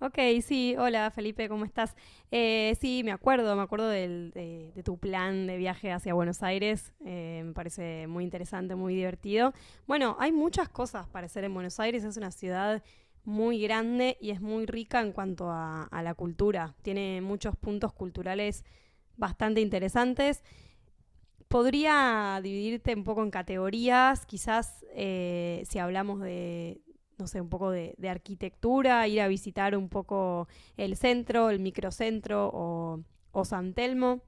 Ok, sí, hola Felipe, ¿cómo estás? Sí, me acuerdo de tu plan de viaje hacia Buenos Aires. Me parece muy interesante, muy divertido. Bueno, hay muchas cosas para hacer en Buenos Aires. Es una ciudad muy grande y es muy rica en cuanto a la cultura, tiene muchos puntos culturales bastante interesantes. Podría dividirte un poco en categorías, quizás si hablamos de, no sé, un poco de arquitectura, ir a visitar un poco el centro, el microcentro o San Telmo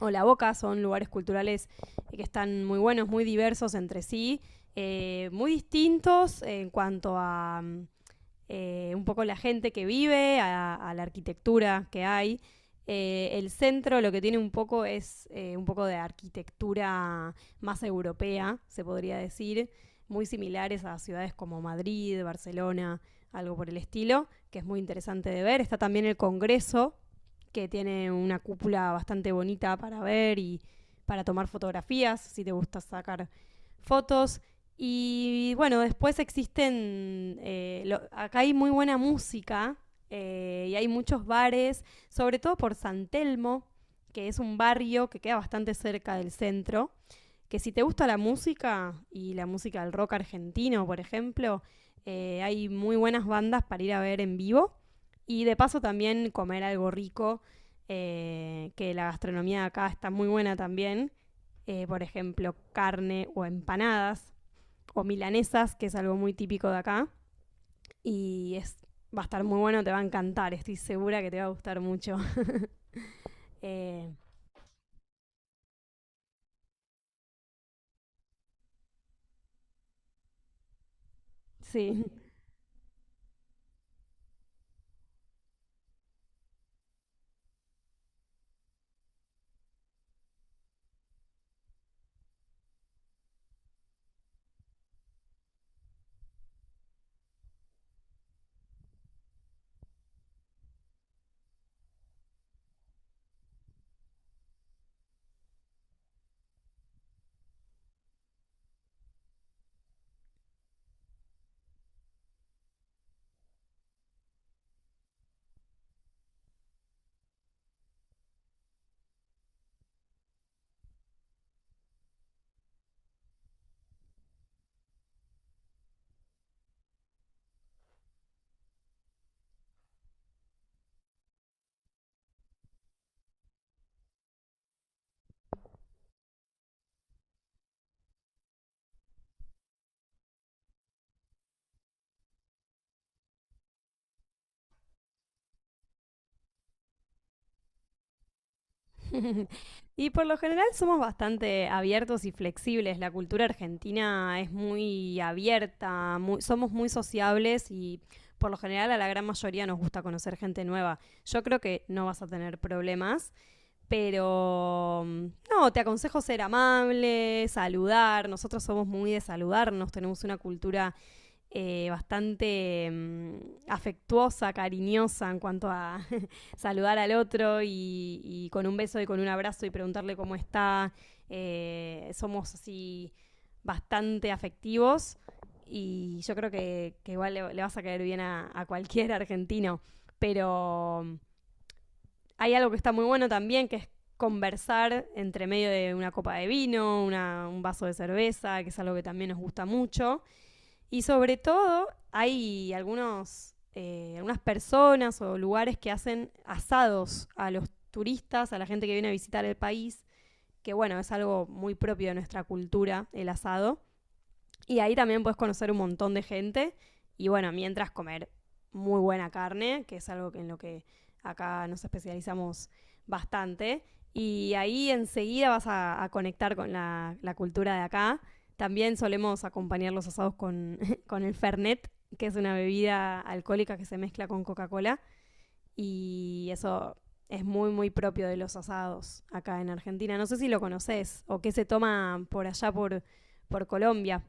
o La Boca. Son lugares culturales que están muy buenos, muy diversos entre sí, muy distintos en cuanto a un poco la gente que vive, a la arquitectura que hay. El centro lo que tiene un poco es un poco de arquitectura más europea, se podría decir, muy similares a ciudades como Madrid, Barcelona, algo por el estilo, que es muy interesante de ver. Está también el Congreso, que tiene una cúpula bastante bonita para ver y para tomar fotografías, si te gusta sacar fotos. Y bueno, después existen, acá hay muy buena música y hay muchos bares, sobre todo por San Telmo, que es un barrio que queda bastante cerca del centro. Que si te gusta la música y la música del rock argentino, por ejemplo, hay muy buenas bandas para ir a ver en vivo y de paso también comer algo rico. Que la gastronomía de acá está muy buena también. Por ejemplo, carne o empanadas o milanesas, que es algo muy típico de acá. Y es, va a estar muy bueno, te va a encantar, estoy segura que te va a gustar mucho. Eh, sí. Y por lo general somos bastante abiertos y flexibles. La cultura argentina es muy abierta, muy, somos muy sociables y por lo general a la gran mayoría nos gusta conocer gente nueva. Yo creo que no vas a tener problemas, pero no, te aconsejo ser amable, saludar. Nosotros somos muy de saludarnos, tenemos una cultura bastante afectuosa, cariñosa en cuanto a saludar al otro, y con un beso y con un abrazo y preguntarle cómo está. Somos así bastante afectivos y yo creo que igual le vas a caer bien a cualquier argentino. Pero hay algo que está muy bueno también, que es conversar entre medio de una copa de vino, un vaso de cerveza, que es algo que también nos gusta mucho. Y sobre todo, hay algunas personas o lugares que hacen asados a los turistas, a la gente que viene a visitar el país, que bueno, es algo muy propio de nuestra cultura, el asado. Y ahí también puedes conocer un montón de gente. Y bueno, mientras comer muy buena carne, que es algo en lo que acá nos especializamos bastante. Y ahí enseguida vas a conectar con la cultura de acá. También solemos acompañar los asados con, con el Fernet, que es una bebida alcohólica que se mezcla con Coca-Cola. Y eso es muy, muy propio de los asados acá en Argentina. No sé si lo conoces o qué se toma por allá, por Colombia.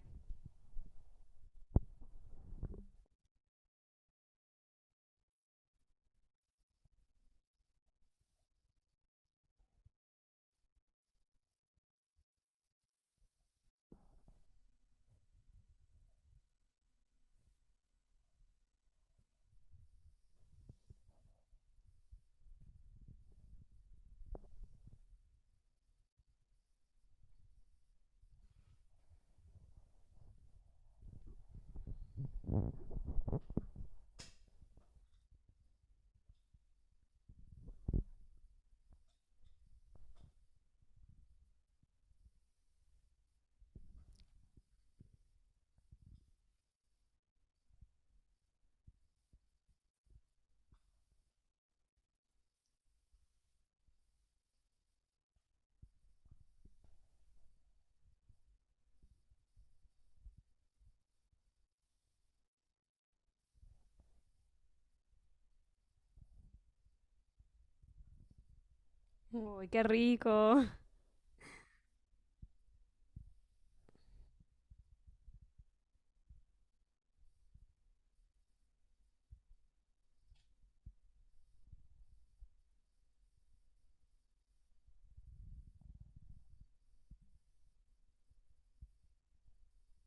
Uy, qué rico.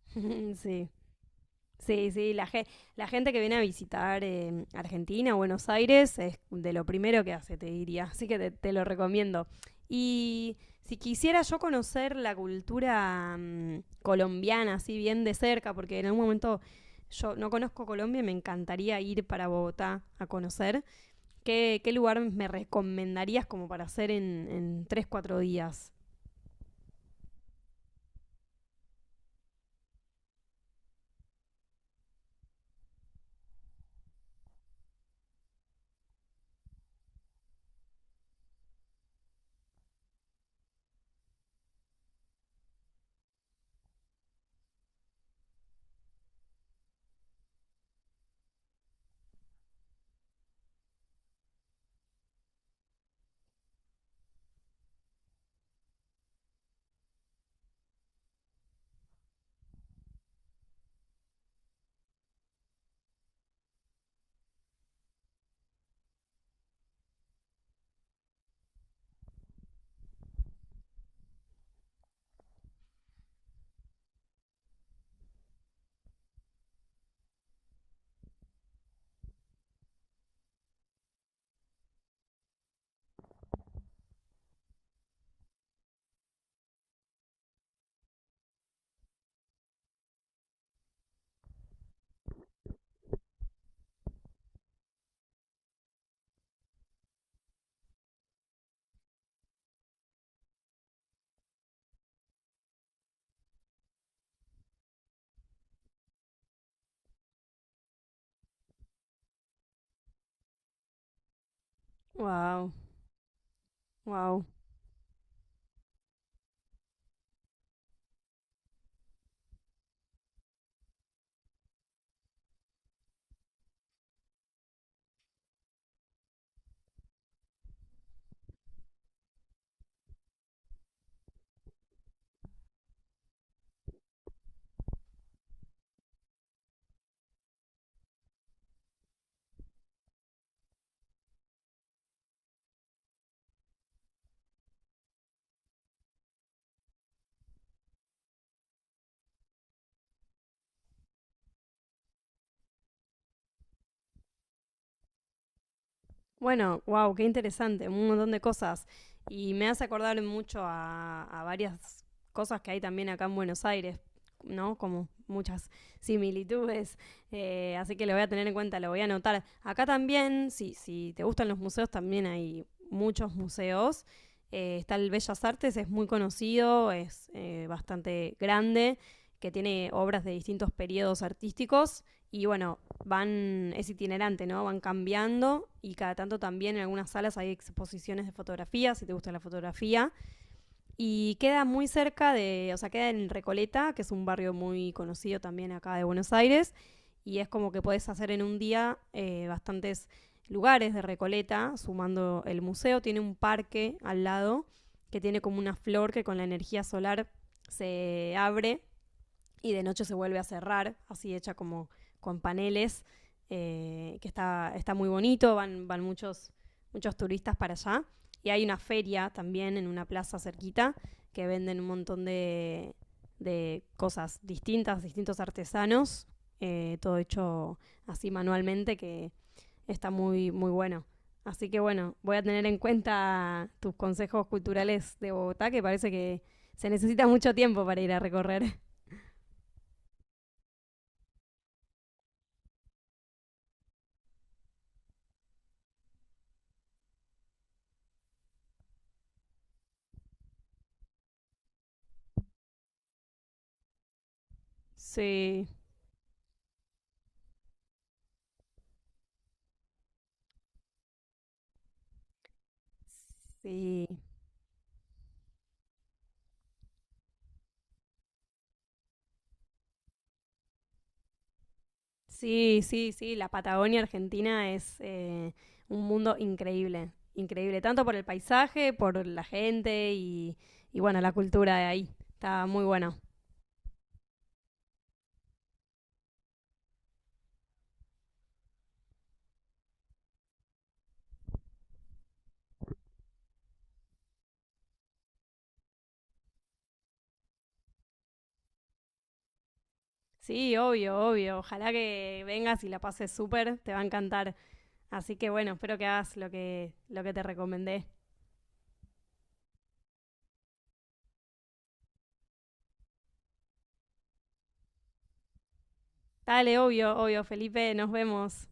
Sí. Sí, sí, la gente que viene a visitar Argentina, Buenos Aires, es de lo primero que hace, te diría. Así que te lo recomiendo. Y si quisiera yo conocer la cultura colombiana así bien de cerca, porque en algún momento yo no conozco Colombia y me encantaría ir para Bogotá a conocer, ¿qué, qué lugar me recomendarías como para hacer en 3, 4 días? Wow, wow. Bueno, wow, qué interesante, un montón de cosas. Y me hace acordar mucho a varias cosas que hay también acá en Buenos Aires, ¿no? Como muchas similitudes. Así que lo voy a tener en cuenta, lo voy a anotar. Acá también, si, si te gustan los museos, también hay muchos museos. Está el Bellas Artes, es muy conocido, es bastante grande, que tiene obras de distintos periodos artísticos. Y bueno, van, es itinerante, ¿no? Van cambiando y cada tanto también en algunas salas hay exposiciones de fotografía, si te gusta la fotografía. Y queda muy cerca de, o sea, queda en Recoleta, que es un barrio muy conocido también acá de Buenos Aires. Y es como que puedes hacer en un día bastantes lugares de Recoleta, sumando el museo. Tiene un parque al lado que tiene como una flor que con la energía solar se abre y de noche se vuelve a cerrar, así hecha como con paneles. Que está, está muy bonito, van, muchos turistas para allá. Y hay una feria también en una plaza cerquita que venden un montón de cosas distintas, distintos artesanos, todo hecho así manualmente, que está muy, muy bueno. Así que bueno, voy a tener en cuenta tus consejos culturales de Bogotá, que parece que se necesita mucho tiempo para ir a recorrer. Sí, Sí, sí, la Patagonia Argentina es un mundo increíble, increíble, tanto por el paisaje, por la gente y bueno, la cultura de ahí, está muy bueno. Sí, obvio, obvio, ojalá que vengas y la pases súper, te va a encantar. Así que bueno, espero que hagas lo que te recomendé. Dale, obvio, obvio, Felipe, nos vemos.